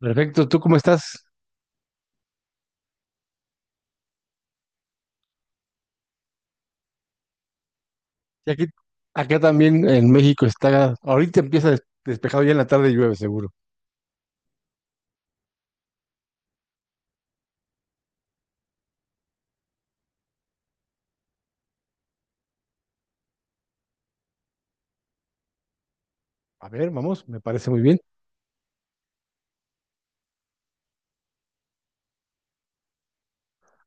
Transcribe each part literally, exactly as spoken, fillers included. Perfecto, ¿tú cómo estás? Y aquí, acá también en México está, ahorita empieza des- despejado, ya en la tarde llueve seguro. A ver, vamos, me parece muy bien.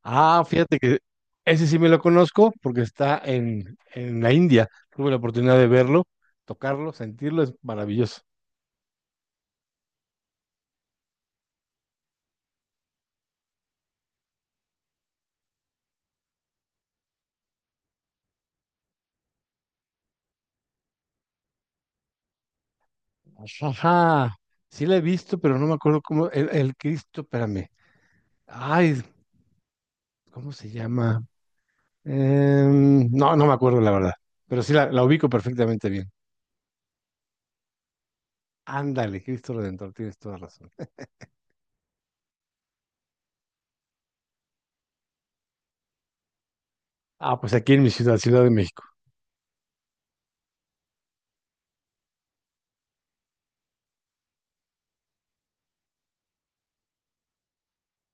Ah, fíjate que ese sí me lo conozco porque está en, en la India. Tuve la oportunidad de verlo, tocarlo, sentirlo, es maravilloso. Ajá, sí la he visto, pero no me acuerdo cómo, el, el Cristo, espérame. Ay, ¿cómo se llama? Em, no, no me acuerdo la verdad, pero sí la, la ubico perfectamente bien. Ándale, Cristo Redentor, tienes toda razón. Ah, pues aquí en mi ciudad, Ciudad de México.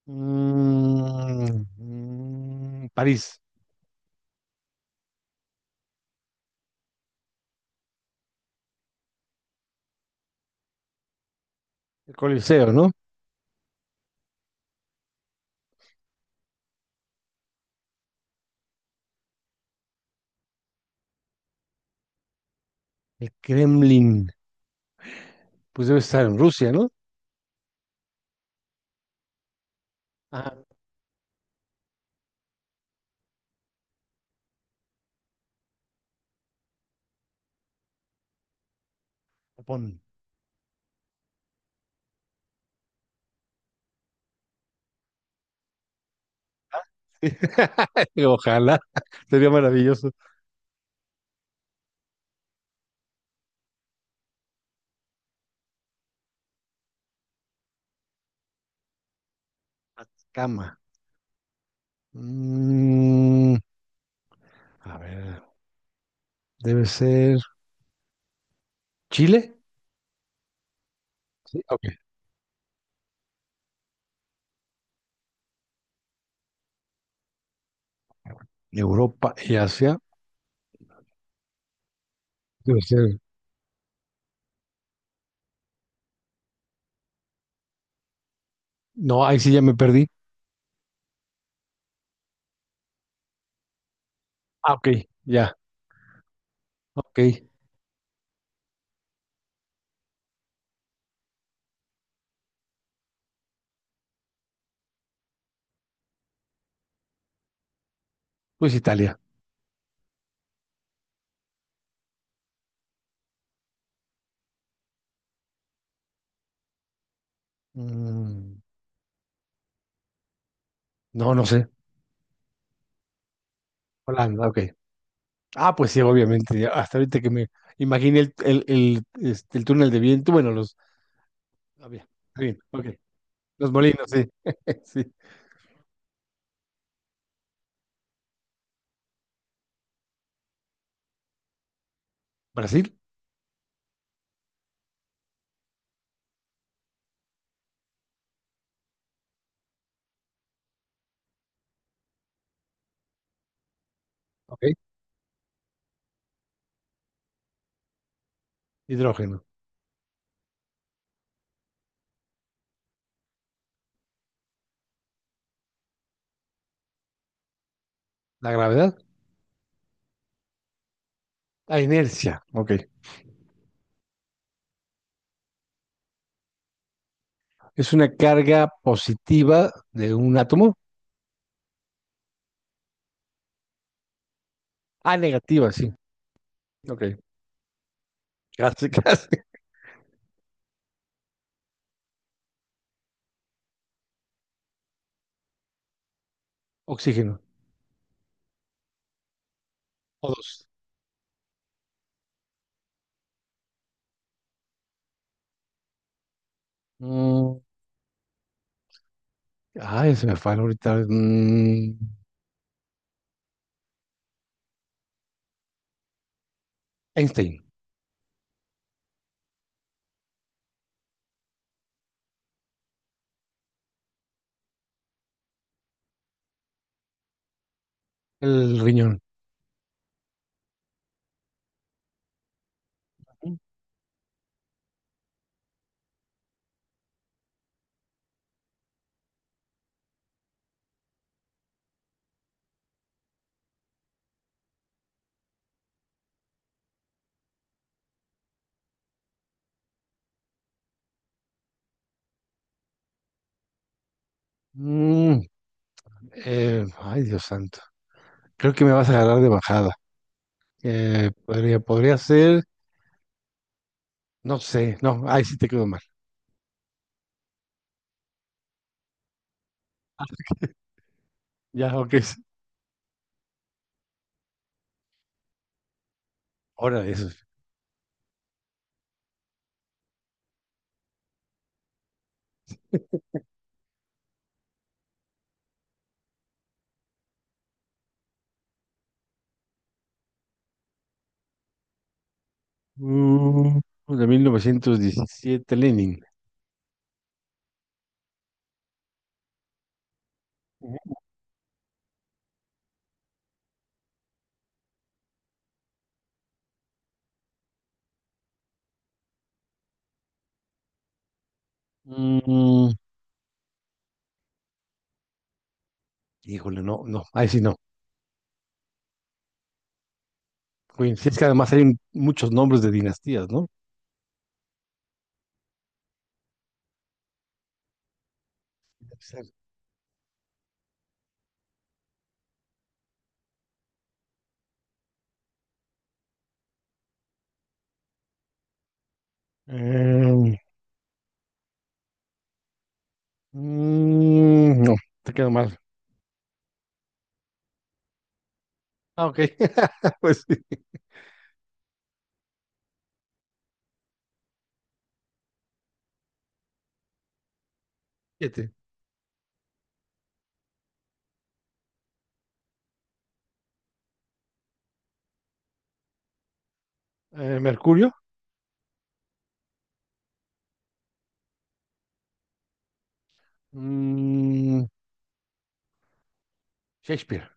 Mm, mm, París, el Coliseo, ¿no? El Kremlin, pues debe estar en Rusia, ¿no? Ah, Japón. Ojalá, sería maravilloso. Atacama. Mm, a ver, debe ser Chile. Sí, ok. Europa y Asia. Debe ser. No, ahí sí ya me perdí. Ah, ok, ya, ok. Pues Italia. Mm, no, no sé. Holanda, ok. Ah, pues sí, obviamente. Hasta ahorita que me imaginé el, el, el, este, el túnel de viento. Bueno, los. Ah, bien, está bien, ok. Los molinos, sí. Sí. Brasil, ok. Hidrógeno. La gravedad, la inercia, ok. Es una carga positiva de un átomo. Ah, negativa, sí. Ok. Casi, casi. Oxígeno. O dos. Mm, ay, se me falla ahorita. Mm, Einstein, el riñón. Mm, eh, ay, Dios santo. Creo que me vas a agarrar de bajada. Eh, podría, podría ser, no sé, no, ahí sí te quedó mal. Ya, ok, es hora de eso. Uh, de mil novecientos diecisiete, Lenin. Ujú. Mm, híjole, no, no, ahí sí no. Uy, sí, es que además hay un- muchos nombres de dinastías, ¿no? Debe ser. Eh, mm, no, te quedó mal. Ah, ok, pues sí. Siete. Eh, Mercurio. Mm, Shakespeare.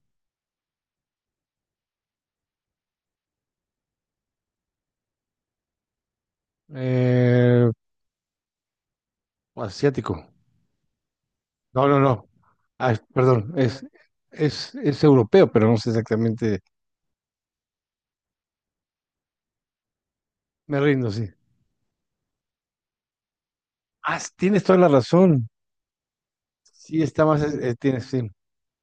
Eh, asiático. No, no, no. Ah, perdón, es, es, es europeo, pero no sé exactamente. Me rindo, sí. Ah, s- tienes toda la razón. Sí, está más. Eh, tienes, sí.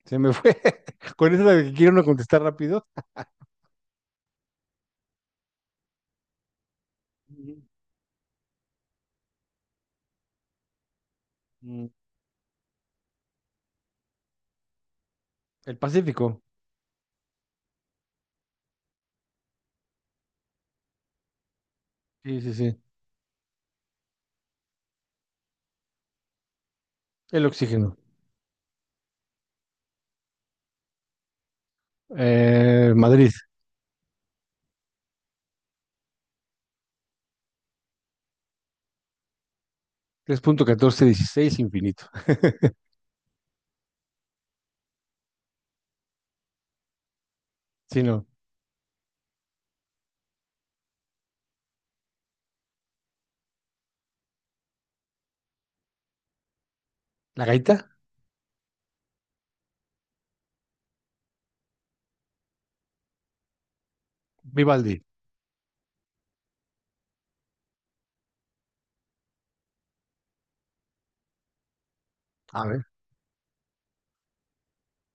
Se me fue. Con eso de que quiero no contestar rápido. Ujú. Mm, el Pacífico. Sí, sí, sí. El oxígeno. Eh, Madrid. Tres punto catorce dieciséis infinito. Sí, no. ¿La gaita? Vivaldi. A ver.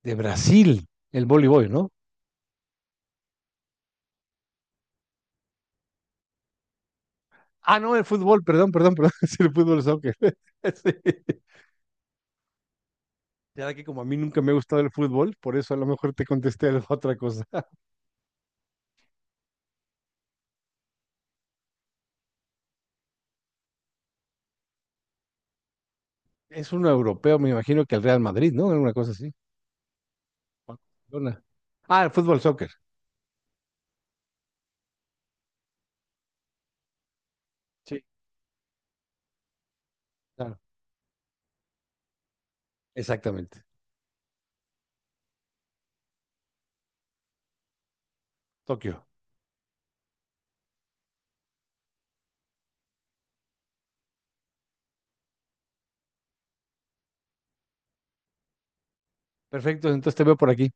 De Brasil. El voleibol, ¿no? Ah, no, el fútbol, perdón, perdón, perdón. Es el fútbol soccer. Sí. Ya que como a mí nunca me ha gustado el fútbol, por eso a lo mejor te contesté algo- otra cosa. Es un europeo, me imagino que el Real Madrid, ¿no? Alguna cosa así. O Barcelona. Ah, el fútbol, soccer. Sí, claro. Exactamente. Tokio. Perfecto, entonces te veo por aquí.